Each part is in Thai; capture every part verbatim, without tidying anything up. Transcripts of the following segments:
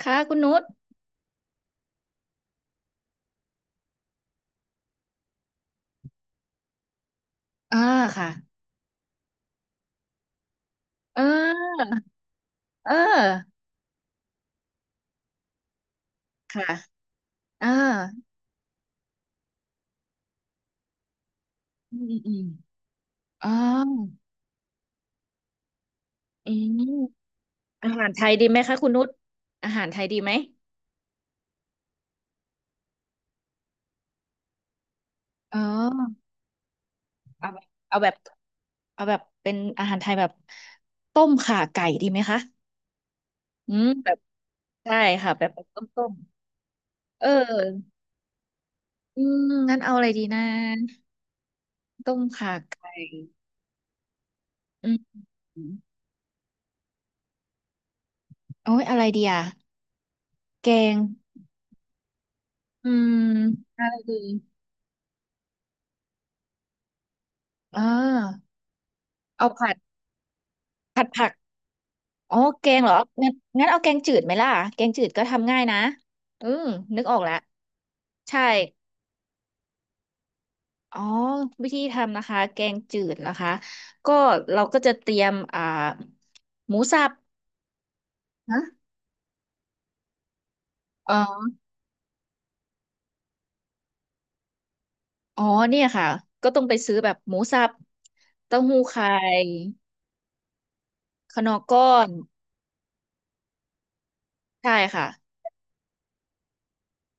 ค่ะคุณนุชอ่าค่ะเออเออค่ะอ่าอืมอืมอ๋ออืมอาหารไทยดีไหมคะคุณนุชอาหารไทยดีไหมเออเอาแบบเอาแบบเอาแบบเป็นอาหารไทยแบบต้มข่าไก่ดีไหมคะอืมแบบใช่ค่ะแบบต้มต้มเอออืมงั้นเอาอะไรดีนะต้มข่าไก่อืมโอ้ยอะไรดีอะแกงอืมอะไรดีเออเอาผัด อ๋อแกงเหรองั้นงั้นเอาแกงจืดไหมล่ะ แกงจืดก็ทำง่ายนะอืมนึกออกแล้ว ใช่อ๋อวิธีทำนะคะแกงจืดนะคะ ก็เราก็จะเตรียมอ่าหมูสับฮะอ๋ออ๋อเนี่ยค่ะ ก็ต้องไปซื้อแบบหมูสับเต้าหู้ไข่ขนอร์ก้อน ใช่ค่ะ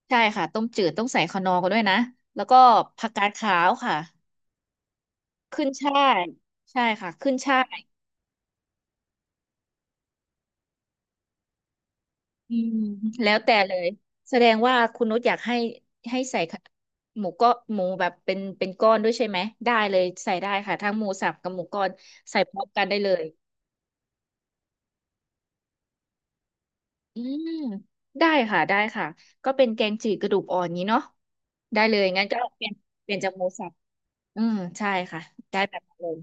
ใช่ค่ะต้มจืดต้องใส่ขนอร์กันด้วยนะ แล้วก็ผักกาดขาวค่ะ ขึ้นฉ่ายใช่ค่ะขึ้นฉ่าย อืมแล้วแต่เลยแสดงว่าคุณนุชอยากให้ให้ใส่ขะหมูก็หมูแบบเป็นเป็นก้อนด้วยใช่ไหมได้เลยใส่ได้ค่ะทั้งหมูสับกับหมูก้อนใส่พร้อมกันได้เลยอืมได้ค่ะได้ค่ะก็เป็นแกงจืดกระดูกอ่อนนี้เนาะได้เลยงั้นก็เปลี่ยนเปลี่ยนจากหมูสับอืมใช่ค่ะได้แบบนั้นเลย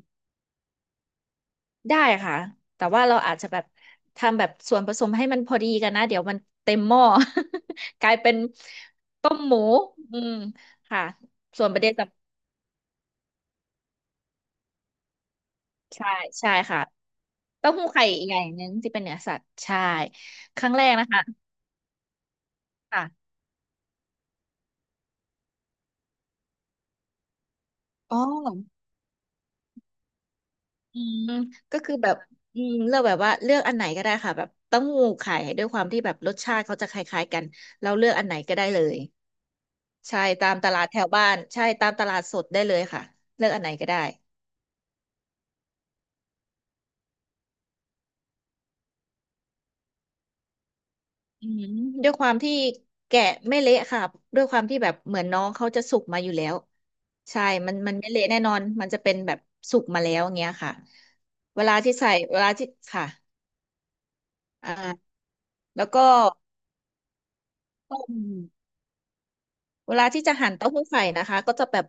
ได้ค่ะแต่ว่าเราอาจจะแบบทำแบบส่วนผสมให้มันพอดีกันนะเดี๋ยวมันเต็มหม้อ กลายเป็นต้มหมูอืมค่ะส่วนประเด็นสำใช่ใช่ค่ะเต้าหู้ไข่อีกอย่างหนึ่งที่เป็นเนื้อสัตว์ใช่ครั้งแรกนะคะค่ะอ๋ออืมก็คือแบบอืมเลือกแบบว่าเลือกอันไหนก็ได้ค่ะแบบเต้าหู้ไข่ด้วยความที่แบบรสชาติเขาจะคล้ายๆกันเราเลือกอันไหนก็ได้เลยใช่ตามตลาดแถวบ้านใช่ตามตลาดสดได้เลยค่ะเลือกอันไหนก็ได้ อืมด้วยความที่แกะไม่เละค่ะด้วยความที่แบบเหมือนน้องเขาจะสุกมาอยู่แล้วใช่ มันมันไม่เละแน่นอนมันจะเป็นแบบสุกมาแล้วอย่างเงี้ยค่ะเวลาที่ใส่เวลาที่ค่ะอ่าแล้วก็ต้มเวลาที่จะหั่นเต้าหู้ไข่นะคะก็จะแบบ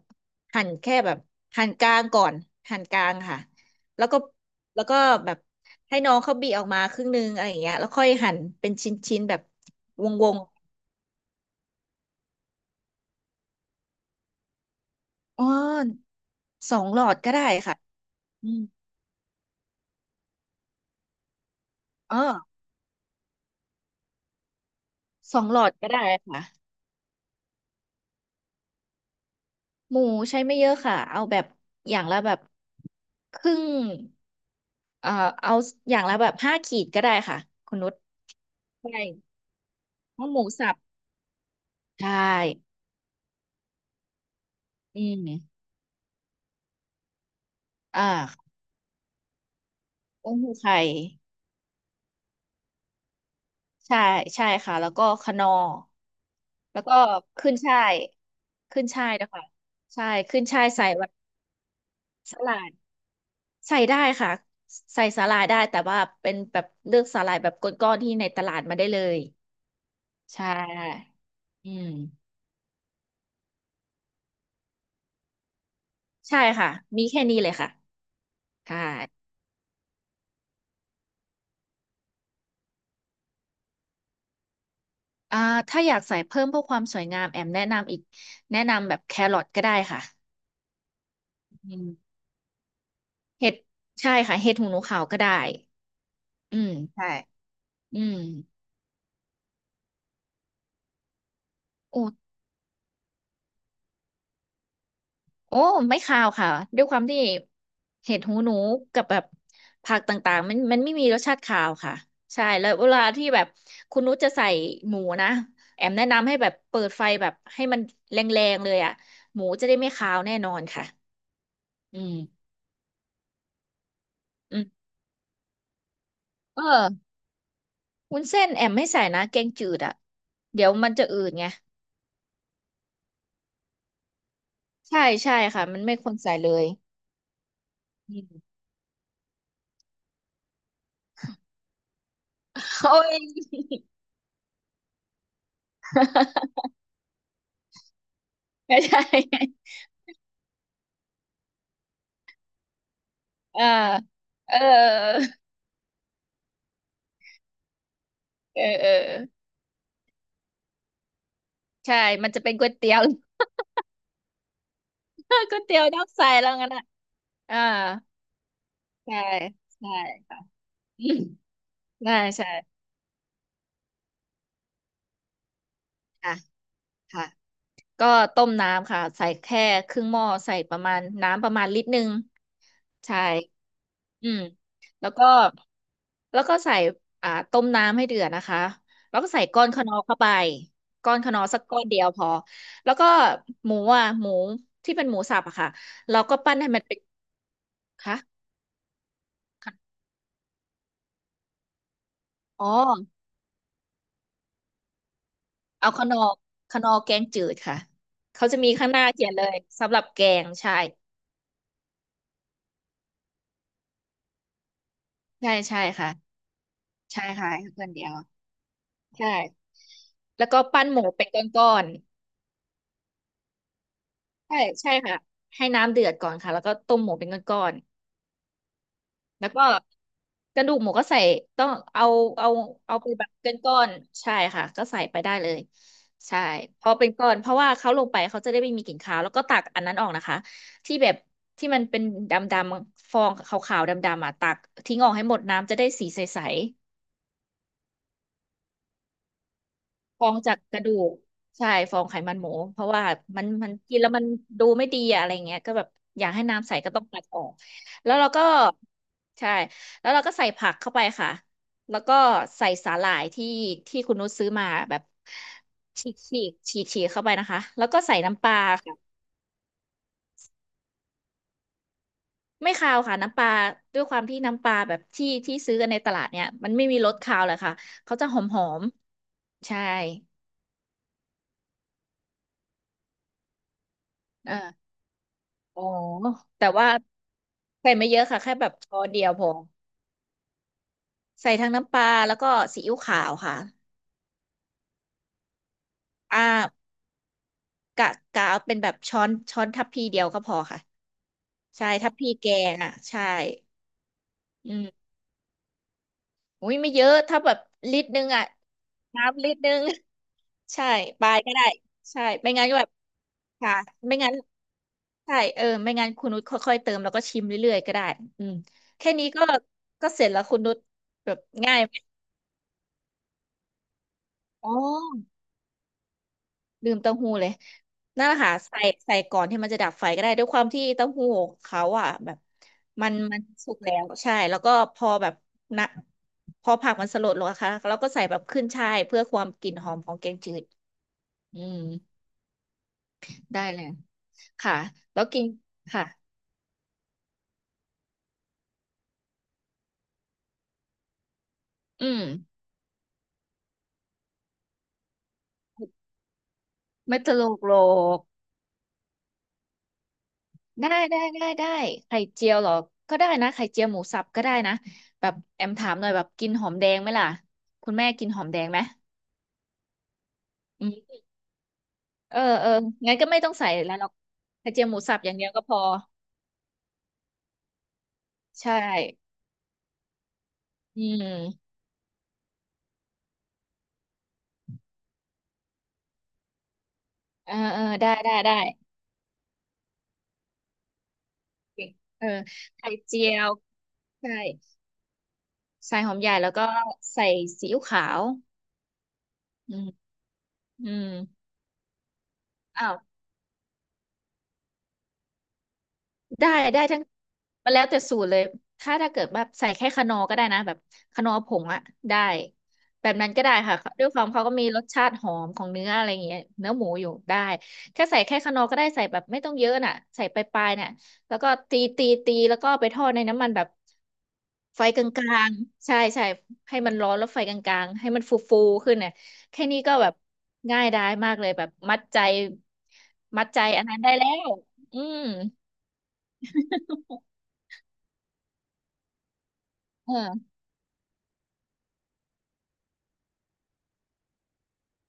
หั่นแค่แบบหั่นกลางก่อนหั่นกลางค่ะแล้วก็แล้วก็แบบให้น้องเขาบีออกมาครึ่งนึงอะไรอย่างเงี้ยแล้วค่อยหั่นเป็นชิ้นๆแบบวงๆอ้อนสองหลอดก็ได้ค่ะ อืมอ๋อสองหลอดก็ได้ค่ะหมูใช้ไม่เยอะค่ะเอาแบบอย่างละแบบครึ่งเอ่อเอาอย่างละแบบห้าขีดก็ได้ค่ะคุณนุชใช่เอาะหมูสับใช่อืมอ่าต้มหูไข่ใช่ใช่ค่ะแล้วก็คะนอร์แล้วก็ขึ้นช่ายขึ้นช่ายนะคะใช่ขึ้นช่ายใส่แบบสลัด ใส่ได้ค่ะใส่สาหร่ายได้แต่ว่าเป็นแบบเลือกสาหร่ายแบบก้อนๆที่ในตลาดมาได้เลยใช่อืมใช่ค่ะมีแค่นี้เลยค่ะใช่อ่าถ้าอยากใส่เพิ่มเพื่อความสวยงามแอมแนะนำอีกแนะนำแบบแครอทก็ได้ค่ะอืมเห็ดใช่ค่ะเห็ดหูหนูขาวก็ได้อืมใช่อืมโอ้ โอ้ไม่คาวค่ะด้วยความที่เห็ดหูหนูกับแบบผักต่างๆมันมันไม่มีรสชาติคาวค่ะใช่แล้วเวลาที่แบบคุณนุชจะใส่หมูนะแอมแนะนำให้แบบเปิดไฟแบบให้มันแรงๆเลยอ่ะหมูจะได้ไม่คาวแน่นอนค่ะอืมอืมเออวุ้นเส้นแอมไม่ใส่นะแกงจืดอ่ะเดี๋ยวมันจะอืดไงใช่ใช่ค่ะมันไม่ควรใส่เลยอืมโอ้ย ไม่ใช่ เออเออเออเออ ใช่ มันจะเป็นก๋วยเตี๋ยว ก๋วยเตี๋ยวน้ำใสแล้วงั้นอ่ะอ่าใช่ใช่ค่ะ อืมใช่ใช่ค่ะค่ะก็ต้มน้ำค่ะใส่แค่ครึ่งหม้อใส่ประมาณน้ำประมาณลิตรหนึ่งใช่อืมแล้วก็แล้วก็ใส่อ่าต้มน้ำให้เดือดนะคะ แล้วก็ใส่ก้อนคะนอเข้าไปก้อนคะนอสักก้อนเดียวพอ แล้วก็หมูอ่ะ หมูที่เป็นหมูสับอะค่ะเราก็ปั้นให้มันเป็นค่ะอ๋อ เอาขนอขนอแกงจืดค่ะ เขาจะมีข้างหน้าเขียนเลยสำหรับแกงใช่ใช่ใช่ค่ะใช่ค่ะให้คนเดียวใช่แล้วก็ปั้นหมูเป็นก้อนๆใช่ใช่ค่ะให้น้ำเดือดก่อนค่ะแล้วก็ต้มหมูเป็นก้อน แล้วก็กระดูกหมูก็ใส่ต้องเอาเอาเอาไปแบบเป็นก้อนใช่ค่ะก็ใส่ไปได้เลยใช่พอเป็นก้อนเพราะว่าเขาลงไปเขาจะได้ไม่มีกลิ่นคาวแล้วก็ตักอันนั้นออกนะคะที่แบบที่มันเป็นดำๆฟองขาวๆดำๆอ่ะตักทิ้งออกให้หมดน้ำจะได้สีใส ฟองจากกระดูกใช่ฟองไขมันหมูเพราะว่ามันมันกินแล้วมันดูไม่ดีอะอะไรเงี้ยก็แบบอยากให้น้ำใสก็ต้องตัดออกแล้วเราก็ใช่แล้วเราก็ใส่ผักเข้าไปค่ะแล้วก็ใส่สาหร่ายที่ที่คุณนุชซื้อมาแบบฉีกฉีกฉีกฉีกเข้าไปนะคะแล้วก็ใส่น้ำปลาค่ะไม่คาวค่ะน้ำปลาด้วยความที่น้ำปลาแบบที่ที่ซื้อกันในตลาดเนี่ยมันไม่มีรสคาวเลยค่ะเขาจะหอมหอมใช่เออ อ๋อแต่ว่าใส่ไม่เยอะค่ะแค่แบบช้อนเดียวพอใส่ทั้งน้ำปลาแล้วก็ซีอิ๊วขาวค่ะอ่ากะกะเอาเป็นแบบช้อนช้อนทัพพีเดียวก็พอค่ะใช่ทัพพีแกงอ่ะใช่อืมอุ้ยไม่เยอะถ้าแบบลิตรนึงอ่ะน้ำลิตรนึง ใช่ปลายก็ได้ใช่ไม่งั้นก็แบบค่ะไม่งั้นใช่เออไม่งั้นคุณนุชค่อยๆเติมแล้วก็ชิมเรื่อยๆก็ได้อืมแค่นี้ก็ก็เสร็จแล้วคุณนุชแบบง่ายไหมอ๋อ ลืมเต้าหู้เลยนั่นแหละค่ะใส่ใส่ก่อนที่มันจะดับไฟก็ได้ด้วยความที่เต้าหู้เขาอ่ะแบบมันมันสุกแล้วใช่แล้วก็พอแบบนะพอผักมันสลดลงนะคะแล้วก็ใส่แบบขึ้นฉ่ายเพื่อความกลิ่นหอมของแกงจืดอืมได้เลยค่ะแล้วกินค่ะอืมไม่ตลกโลกได้ได้ได้ได้ไข่เจียวเหรอก็ได้นะไข่เจียวหมูสับก็ได้นะแบบแอมถามหน่อยแบบกินหอมแดงไหมล่ะคุณแม่กินหอมแดงไหม เออเอองั้นก็ไม่ต้องใส่แล้วหรอกกระเทียมหมูสับอย่างเดียวก็พอ ใช่ อืมเออเออได้ได้ได้เก่งเออไข่เจียว ใช่ ใส่หอมใหญ่แล้วก็ใส่ซีอิ๊วขาวอืมอืมอ้าว ได้ได้ทั้งมันแล้วแต่สูตรเลยถ้าถ้าเกิดแบบใส่แค่คะนอร์ก็ได้นะแบบคะนอร์ผงอะได้แบบนั้นก็ได้ค่ะด้วยความเขาก็มีรสชาติหอมของเนื้ออะไรอย่างเงี้ยเนื้อหมูอยู่ได้แค่ใส่แค่คะนอร์ก็ได้ใส่แบบไม่ต้องเยอะน่ะใส่ปลายๆเนี่ยแล้วก็ตีตีตีแล้วก็ไปทอดในน้ำมันแบบไฟกลางๆใช่ใช่ให้มันร้อนแล้วไฟกลางๆให้มันฟูๆขึ้นเนี่ยแค่นี้ก็แบบง่ายดายมากเลยแบบมัดใจมัดใจอันนั้นได้แล้วอืมเออ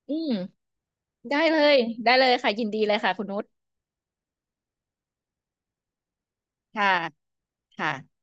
อืมได้เลยได้เลยค่ะยินดีเลยค่ะคุณนุชค่ะค่ะ